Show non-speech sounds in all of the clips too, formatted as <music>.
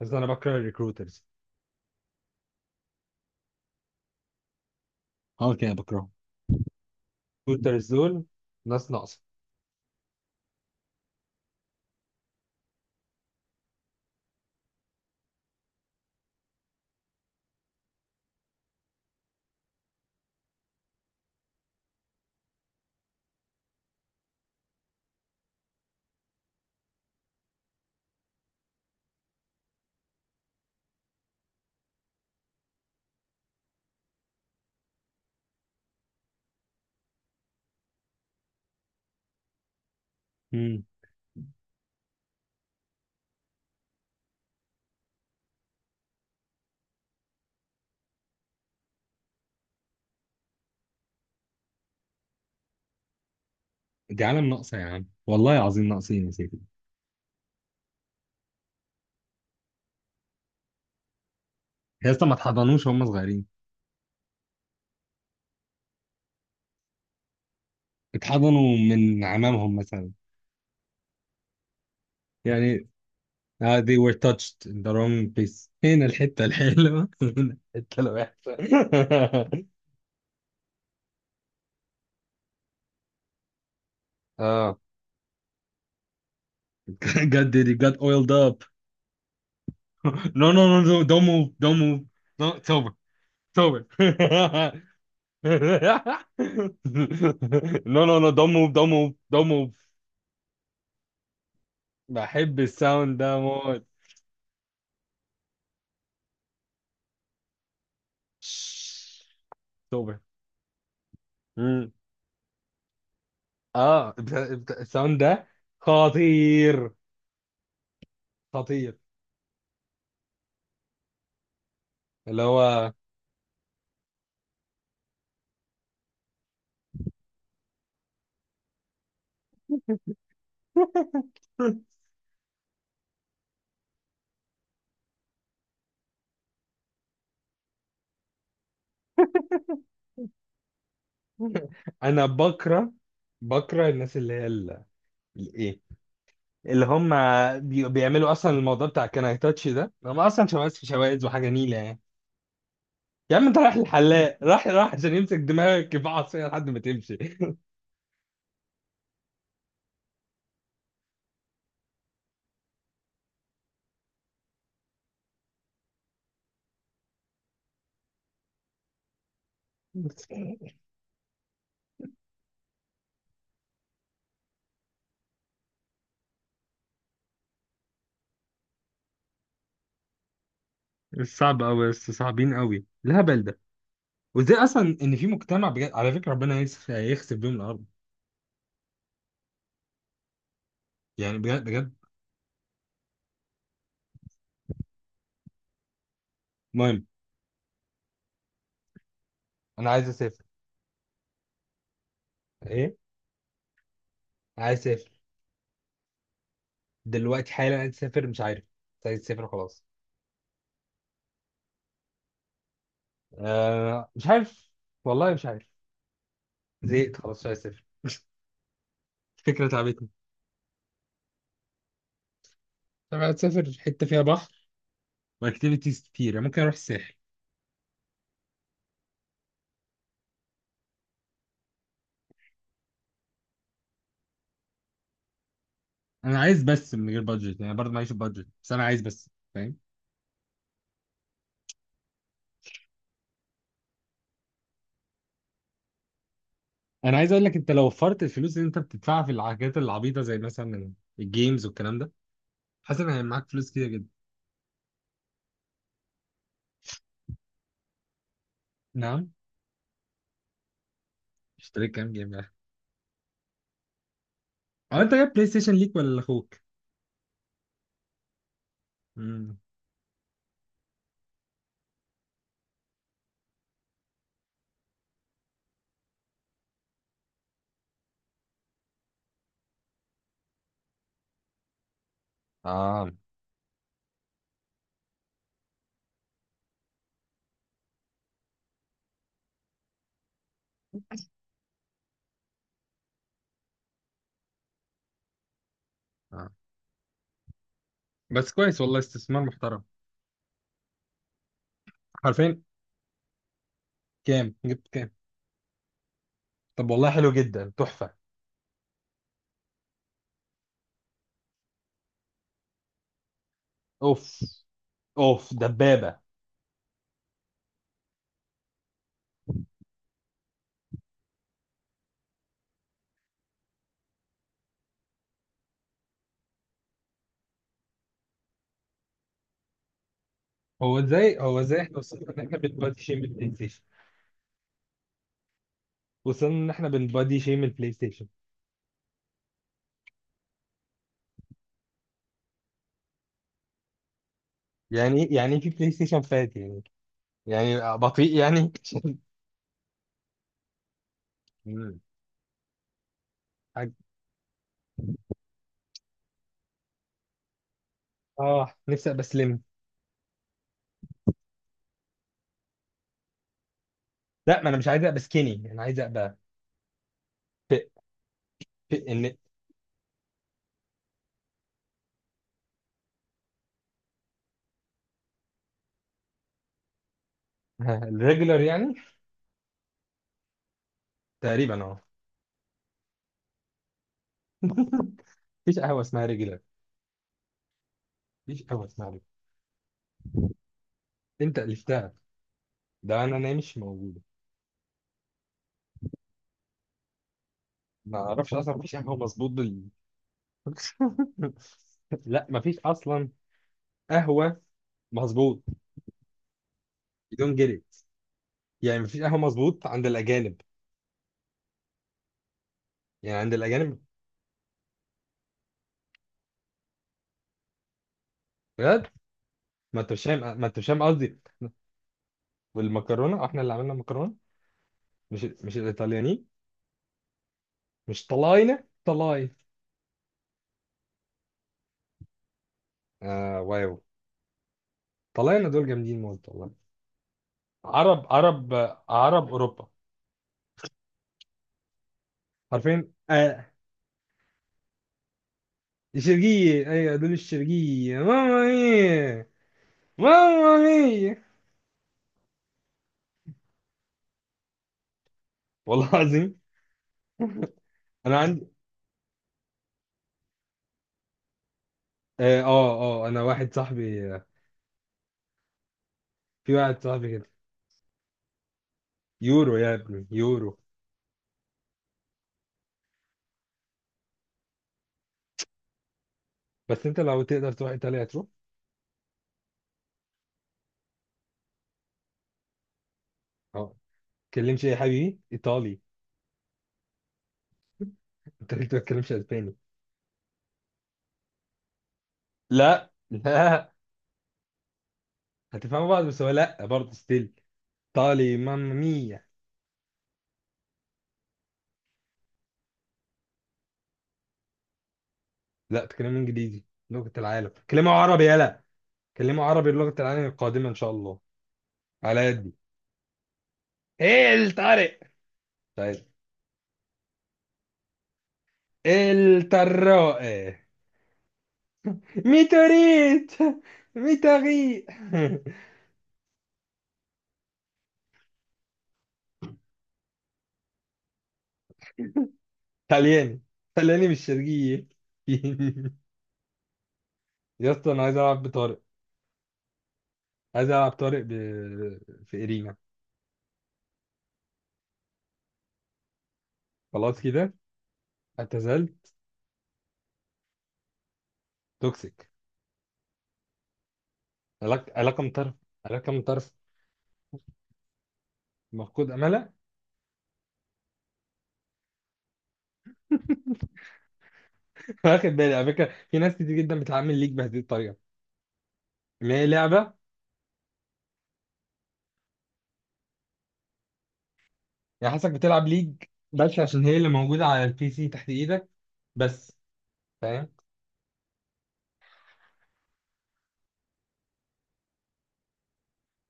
بس انا بكره الريكروترز. اه، كده بكرههم. الريكروترز دول ناس ناقصه. امم. دي عالم ناقصه يا عم، والله العظيم ناقصين يا سيدي. يا اسطى، ما اتحضنوش وهم صغيرين. اتحضنوا من عمامهم مثلا، يعني. آه، they were touched in the wrong place، هنا الحته الحلوه. <laughs> هنا الحته الوحشه. <laughs> اه، God did it got oiled up. <laughs> no, no, no, no, don't move, don't move. No, it's over, it's over. <laughs> <laughs> نو نو نو، دون موف دون موف دون موف. بحب الساوند ده موت. توبة. مم. اه، الساوند ده خطير. خطير. اللي هو. <laughs> انا بكره الناس اللي هي ال- الايه اللي هم بيعملوا اصلا الموضوع بتاع كان اي تاتش ده، هم اصلا شواذ في شواذ وحاجه نيله، يعني. يا عم، انت رايح الحلاق، راح راح عشان يمسك دماغك في عصايه لحد ما تمشي. <laughs> صعب قوي، بس صعبين قوي الهبل ده. وازاي اصلا ان في مجتمع بجد، على فكره ربنا يخسف بيهم الارض. يعني بجد بجد. المهم. انا عايز اسافر. ايه؟ عايز اسافر. دلوقتي حالا عايز اسافر، مش عارف. مش عايز اسافر خلاص. آه مش عارف. والله مش عارف. زهقت خلاص، مش عايز اسافر. الفكره تعبتني. طب عايز اسافر حته فيها بحر. واكتيفيتيز كتير، يعني ممكن اروح الساحل. انا عايز بس من غير بادجت، يعني برضه معيش بادجت، بس انا عايز بس، فاهم؟ انا عايز اقول لك، انت لو وفرت الفلوس اللي انت بتدفعها في الحاجات العبيطه زي مثلا الجيمز والكلام ده، حاسس ان هيبقى معاك فلوس كتير جدا. نعم؟ اشتريت كام جيم يعني؟ اه، انت جايب بلاي ستيشن ليك ولا لاخوك؟ امم. اه، اه، بس كويس والله، استثمار محترم. حرفيا. كام؟ جبت كام؟ طب والله حلو جدا، تحفة. اوف. اوف، دبابة. هو ازاي احنا وصلنا ان احنا بنبادي شيم البلاي ستيشن؟ وصلنا ان احنا بنبادي شيم البلاي ستيشن. يعني إيه في بلاي ستيشن فات يعني؟ يعني بطيء يعني؟ <laughs> عج... اه، نفسي ابقى سليم. لا، ما انا مش عايز ابقى سكيني، انا عايز ابقى في في ان. <laughs> الريجولر يعني. تقريبا اه. <laughs> مفيش قهوه اسمها ريجولر. مفيش قهوه اسمها ريجولر. انت الفتها. ده انا، انا مش موجوده. ما اعرفش، اصلا مفيش قهوه مظبوط بال. <laughs> لا، مفيش اصلا. قهوه مظبوط بدون جري. يعني مفيش قهوه مظبوط عند الاجانب. يعني عند الاجانب. بجد. ما انت مش فاهم، ما انت مش فاهم قصدي. والمكرونه، احنا اللي عملنا المكرونه. مش الايطاليانيين. مش طلاينة طلاي. آه، واو. طلعنا دول جامدين موت والله. عرب عرب. عرب أوروبا. عارفين آه. الشرقية أيوة، دول الشرقية، ماما مية. ماما مية. والله العظيم. أنا عندي. آه آه آه، أنا واحد صاحبي، في واحد صاحبي كده. يورو يا ابني، يورو. بس أنت لو تقدر تروح إيطاليا هتروح. آه. تكلمش إيه يا حبيبي؟ إيطالي. أنت ليه ما بتتكلمش أسباني؟ لا، لا. هتفهموا بعض، بس هو لا برضه ستيل. إيطالي ماما مية. لا، تكلموا انجليزي. لغة العالم، كلموا عربي يلا. كلموا عربي، لغة العالم القادمة ان شاء الله. على يدي. ايه الطارق؟ طيب. الطراق. ميتوريت. ميتوري. <laughs> طلياني. طلياني مش شرقية. <laughs> يا اسطى، انا عايز العب بطارق. عايز العب طارق في ارينا. خلاص كده. اعتزال. توكسيك. علاقة مطرف. علاقة مطرف مفقود املها. <laughs> واخد بالي، على فكرة، في ناس كتير جدا بتعامل ليك بهذه الطريقة. ما هي لعبة. يعني حاسسك بتلعب ليج، بس عشان هي اللي موجودة على البي سي تحت ايدك، بس، فاهم؟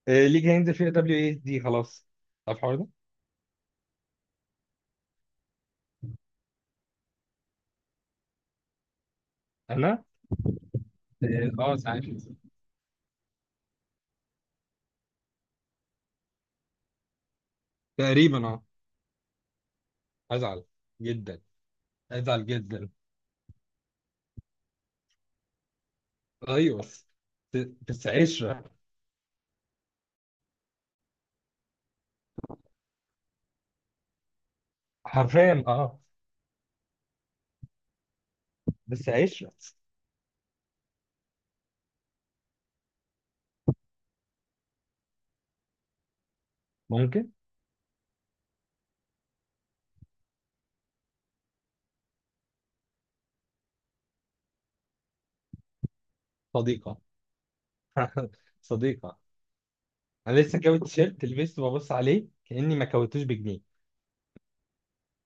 آه، ليج هينزل فيها دبليو اي اس دي خلاص. عارف الحوار ده؟ انا. اه آه، ساعات. تقريبا اه. ازعل جدا. ازعل جدا. ايوه بس. بس عشرة. حرفيا اه. بس عشرة. ممكن. صديقة. <laughs> صديقة. انا لسه كاوي تيشيرت، لبسته ببص عليه كأني ما كويتوش، بجنيه.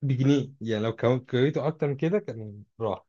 بجنيه، يعني لو كويته اكتر من كده كان راح.